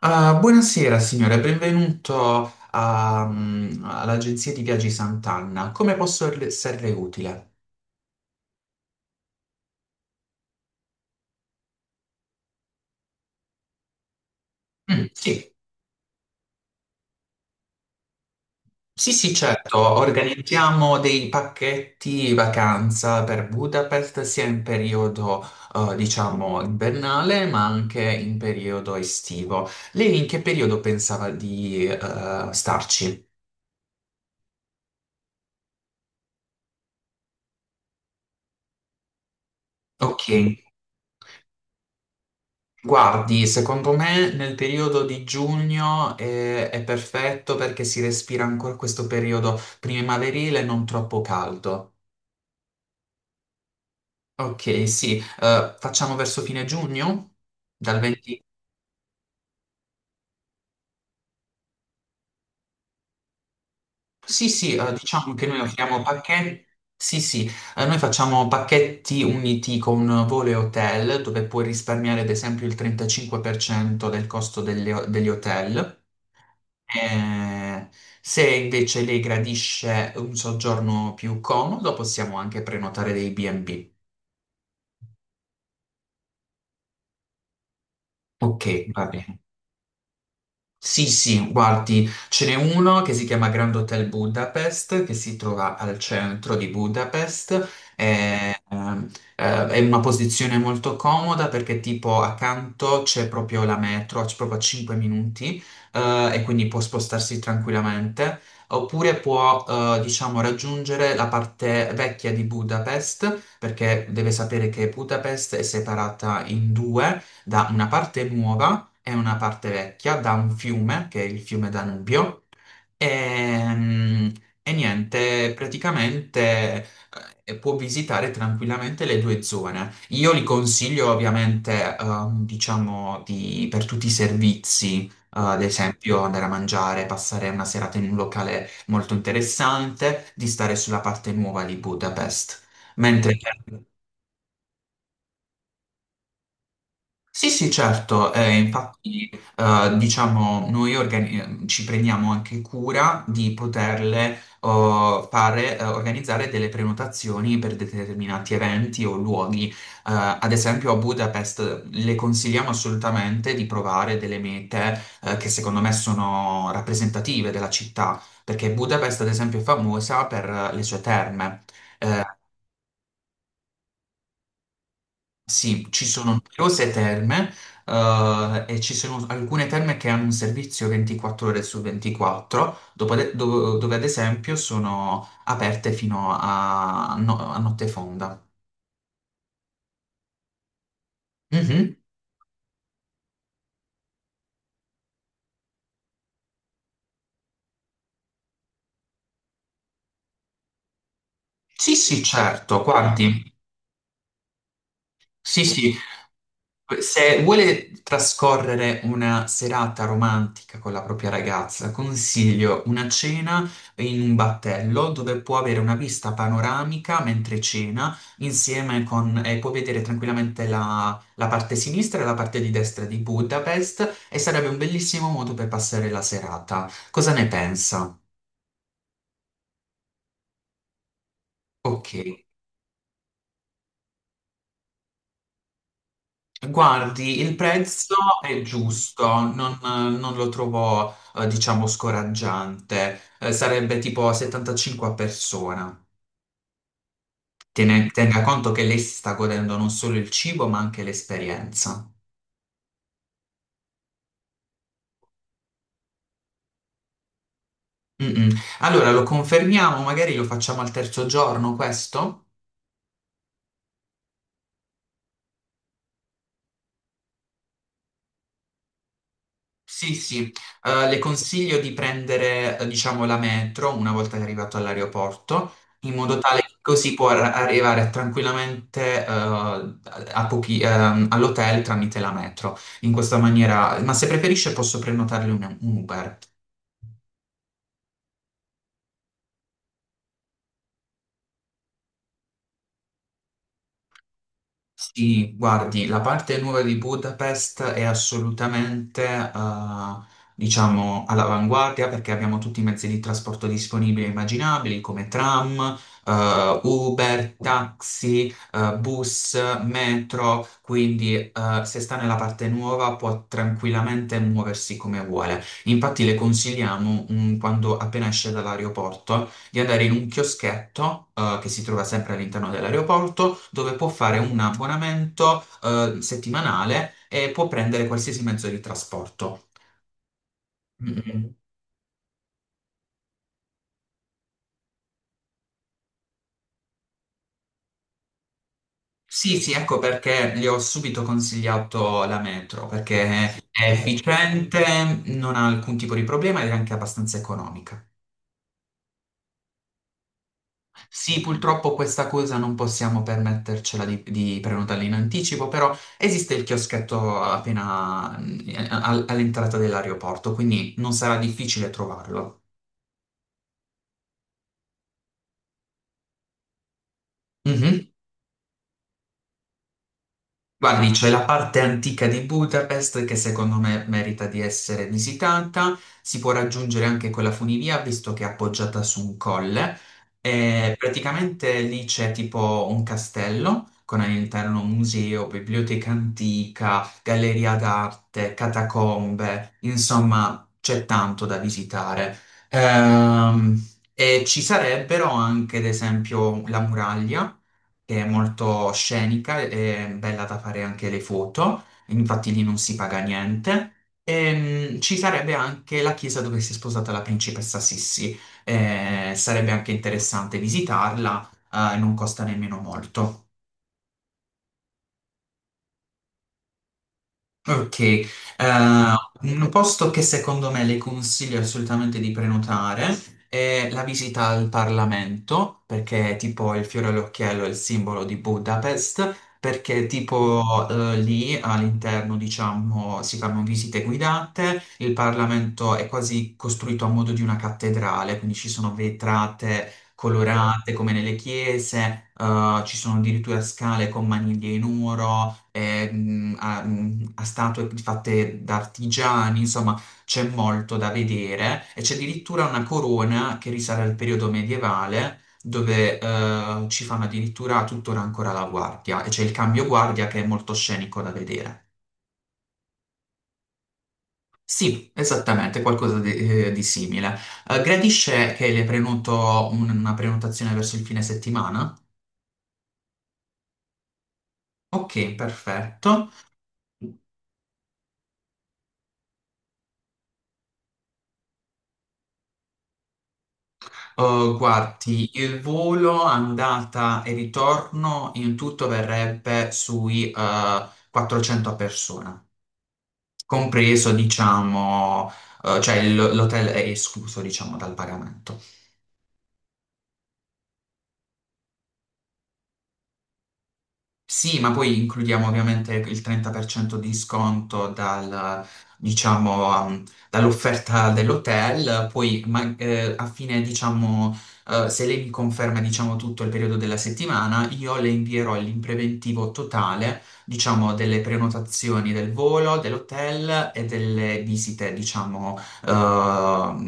Ah, buonasera signore, benvenuto all'agenzia di viaggi Sant'Anna. Come posso esserle utile? Mm, sì, sì, sì, certo. Organizziamo dei pacchetti vacanza per Budapest sia in periodo, diciamo, invernale, ma anche in periodo estivo. Lei in che periodo pensava di, starci? Ok. Guardi, secondo me nel periodo di giugno è perfetto perché si respira ancora questo periodo primaverile non troppo caldo. Ok, sì, facciamo verso fine giugno? Dal 20. Sì, sì, diciamo che noi lo chiamiamo pacchetti. Sì, sì, noi facciamo pacchetti uniti con volo e hotel dove puoi risparmiare ad esempio il 35% del costo degli hotel. Eh, se invece lei gradisce un soggiorno più comodo, possiamo anche prenotare dei B&B. Ok, va bene. Sì, sì, guardi, ce n'è uno che si chiama Grand Hotel Budapest, che si trova al centro di Budapest, è, ehm, è in una posizione molto comoda perché tipo accanto c'è proprio la metro, c'è proprio a 5 minuti, e quindi può spostarsi tranquillamente, oppure può, diciamo, raggiungere la parte vecchia di Budapest, perché deve sapere che Budapest è separata in due da una parte nuova è una parte vecchia da un fiume, che è il fiume Danubio, e, mm, e niente, praticamente può visitare tranquillamente le due zone. Io li consiglio ovviamente, diciamo, per tutti i servizi, ad esempio andare a mangiare, passare una serata in un locale molto interessante, di stare sulla parte nuova di Budapest. Mentre. Mm. Sì, sì, certo, infatti diciamo noi ci prendiamo anche cura di poterle oh, fare, organizzare delle prenotazioni per determinati eventi o luoghi. Ad esempio a Budapest le consigliamo assolutamente di provare delle mete che secondo me sono rappresentative della città, perché Budapest ad esempio è famosa per le sue terme. Eh, Sì, ci sono numerose terme, e ci sono alcune terme che hanno un servizio 24 ore su 24, dopo dove ad esempio sono aperte fino a, no- a notte fonda. Mhm. Sì, sì, certo. Ah, guardi, sì, sì. Se vuole trascorrere una serata romantica con la propria ragazza, consiglio una cena in un battello dove può avere una vista panoramica mentre cena, insieme con, e può vedere tranquillamente la parte sinistra e la parte di destra di Budapest e sarebbe un bellissimo modo per passare la serata. Cosa ne pensa? Ok. Guardi, il prezzo è giusto, non lo trovo, diciamo, scoraggiante. Sarebbe tipo 75 a persona. Tenga conto che lei si sta godendo non solo il cibo, ma anche l'esperienza. Mm, mm. Allora, lo confermiamo, magari lo facciamo al terzo giorno, questo? Sì, sì. Le consiglio di prendere, diciamo, la metro una volta che è arrivato all'aeroporto, in modo tale che così può arrivare tranquillamente, all'hotel tramite la metro. In questa maniera, ma se preferisce posso prenotarle un Uber. Sì, guardi, la parte nuova di Budapest è assolutamente, diciamo, all'avanguardia perché abbiamo tutti i mezzi di trasporto disponibili e immaginabili, come tram, Uber, taxi, bus, metro, quindi, se sta nella parte nuova può tranquillamente muoversi come vuole. Infatti le consigliamo, quando appena esce dall'aeroporto di andare in un chioschetto che si trova sempre all'interno dell'aeroporto, dove può fare un abbonamento settimanale e può prendere qualsiasi mezzo di trasporto. Mm. Sì, sì, ecco perché gli ho subito consigliato la metro, perché è efficiente, non ha alcun tipo di problema ed è anche abbastanza economica. Sì, purtroppo questa cosa non possiamo permettercela di prenotarla in anticipo, però esiste il chioschetto appena all'entrata dell'aeroporto, quindi non sarà difficile trovarlo. Mhm. Guardi, c'è la parte antica di Budapest che secondo me merita di essere visitata, si può raggiungere anche con la funivia visto che è appoggiata su un colle e praticamente lì c'è tipo un castello con all'interno un museo, biblioteca antica, galleria d'arte, catacombe, insomma c'è tanto da visitare. Ehm, e ci sarebbero anche ad esempio la muraglia che è molto scenica e bella da fare anche le foto, infatti lì non si paga niente. E, ci sarebbe anche la chiesa dove si è sposata la principessa Sissi. Sarebbe anche interessante visitarla, non costa nemmeno molto. Ok, un posto che secondo me le consiglio assolutamente di prenotare è la visita al Parlamento, perché è tipo il fiore all'occhiello è il simbolo di Budapest, perché tipo lì all'interno, diciamo, si fanno visite guidate, il Parlamento è quasi costruito a modo di una cattedrale, quindi ci sono vetrate colorate come nelle chiese, ci sono addirittura scale con maniglie in oro, a statue fatte da artigiani, insomma c'è molto da vedere e c'è addirittura una corona che risale al periodo medievale dove ci fanno addirittura tuttora ancora la guardia e c'è il cambio guardia che è molto scenico da vedere. Sì, esattamente, qualcosa di simile. Gradisce che le prenoto una prenotazione verso il fine settimana? Ok, perfetto. Oh, guardi, il volo andata e ritorno in tutto verrebbe sui 400 a persona, compreso, diciamo, cioè l'hotel è escluso, diciamo, dal pagamento. Sì, ma poi includiamo ovviamente il 30% di sconto dal, diciamo, dall'offerta dell'hotel, poi a fine, diciamo, se lei mi conferma, diciamo, tutto il periodo della settimana, io le invierò l'impreventivo totale, diciamo, delle prenotazioni del volo, dell'hotel e delle visite, diciamo, eh,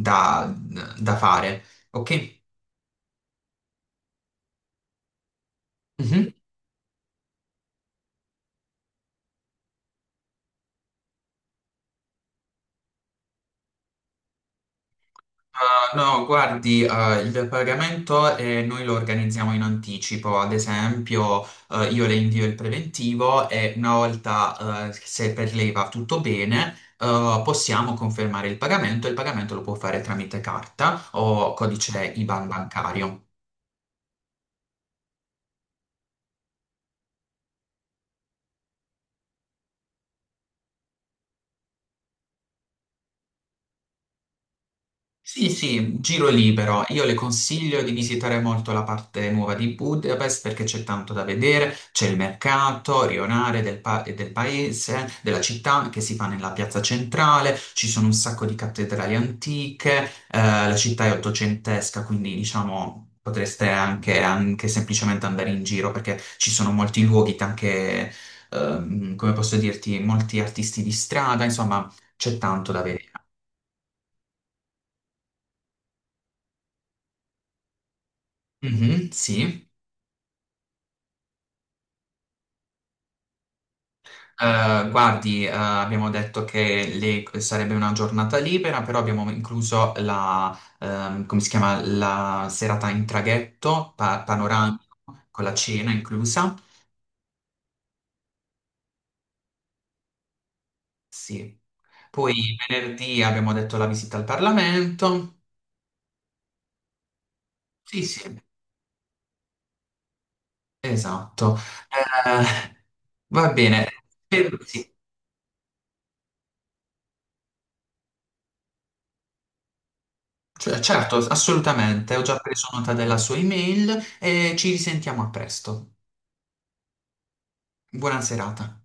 da, da fare. Ok? Mhm. Ah, no, guardi, ah, il pagamento noi lo organizziamo in anticipo, ad esempio io le invio il preventivo e una volta se per lei va tutto bene possiamo confermare il pagamento e il pagamento lo può fare tramite carta o codice IBAN bancario. Sì, sì, giro libero. Io le consiglio di visitare molto la parte nuova di Budapest perché c'è tanto da vedere, c'è il mercato rionale del paese, della città che si fa nella piazza centrale, ci sono un sacco di cattedrali antiche, la città è ottocentesca, quindi diciamo potreste anche, semplicemente andare in giro perché ci sono molti luoghi, anche, come posso dirti, molti artisti di strada, insomma c'è tanto da vedere. Mhm, sì. Guardi, abbiamo detto che sarebbe una giornata libera, però abbiamo incluso la, come si chiama, la serata in traghetto, panoramico, con la cena inclusa. Sì. Poi venerdì abbiamo detto la visita al Parlamento. Sì, sì, esatto. Eh, va bene. Sì, cioè, certo, assolutamente. Ho già preso nota della sua email e ci risentiamo a presto. Buona serata.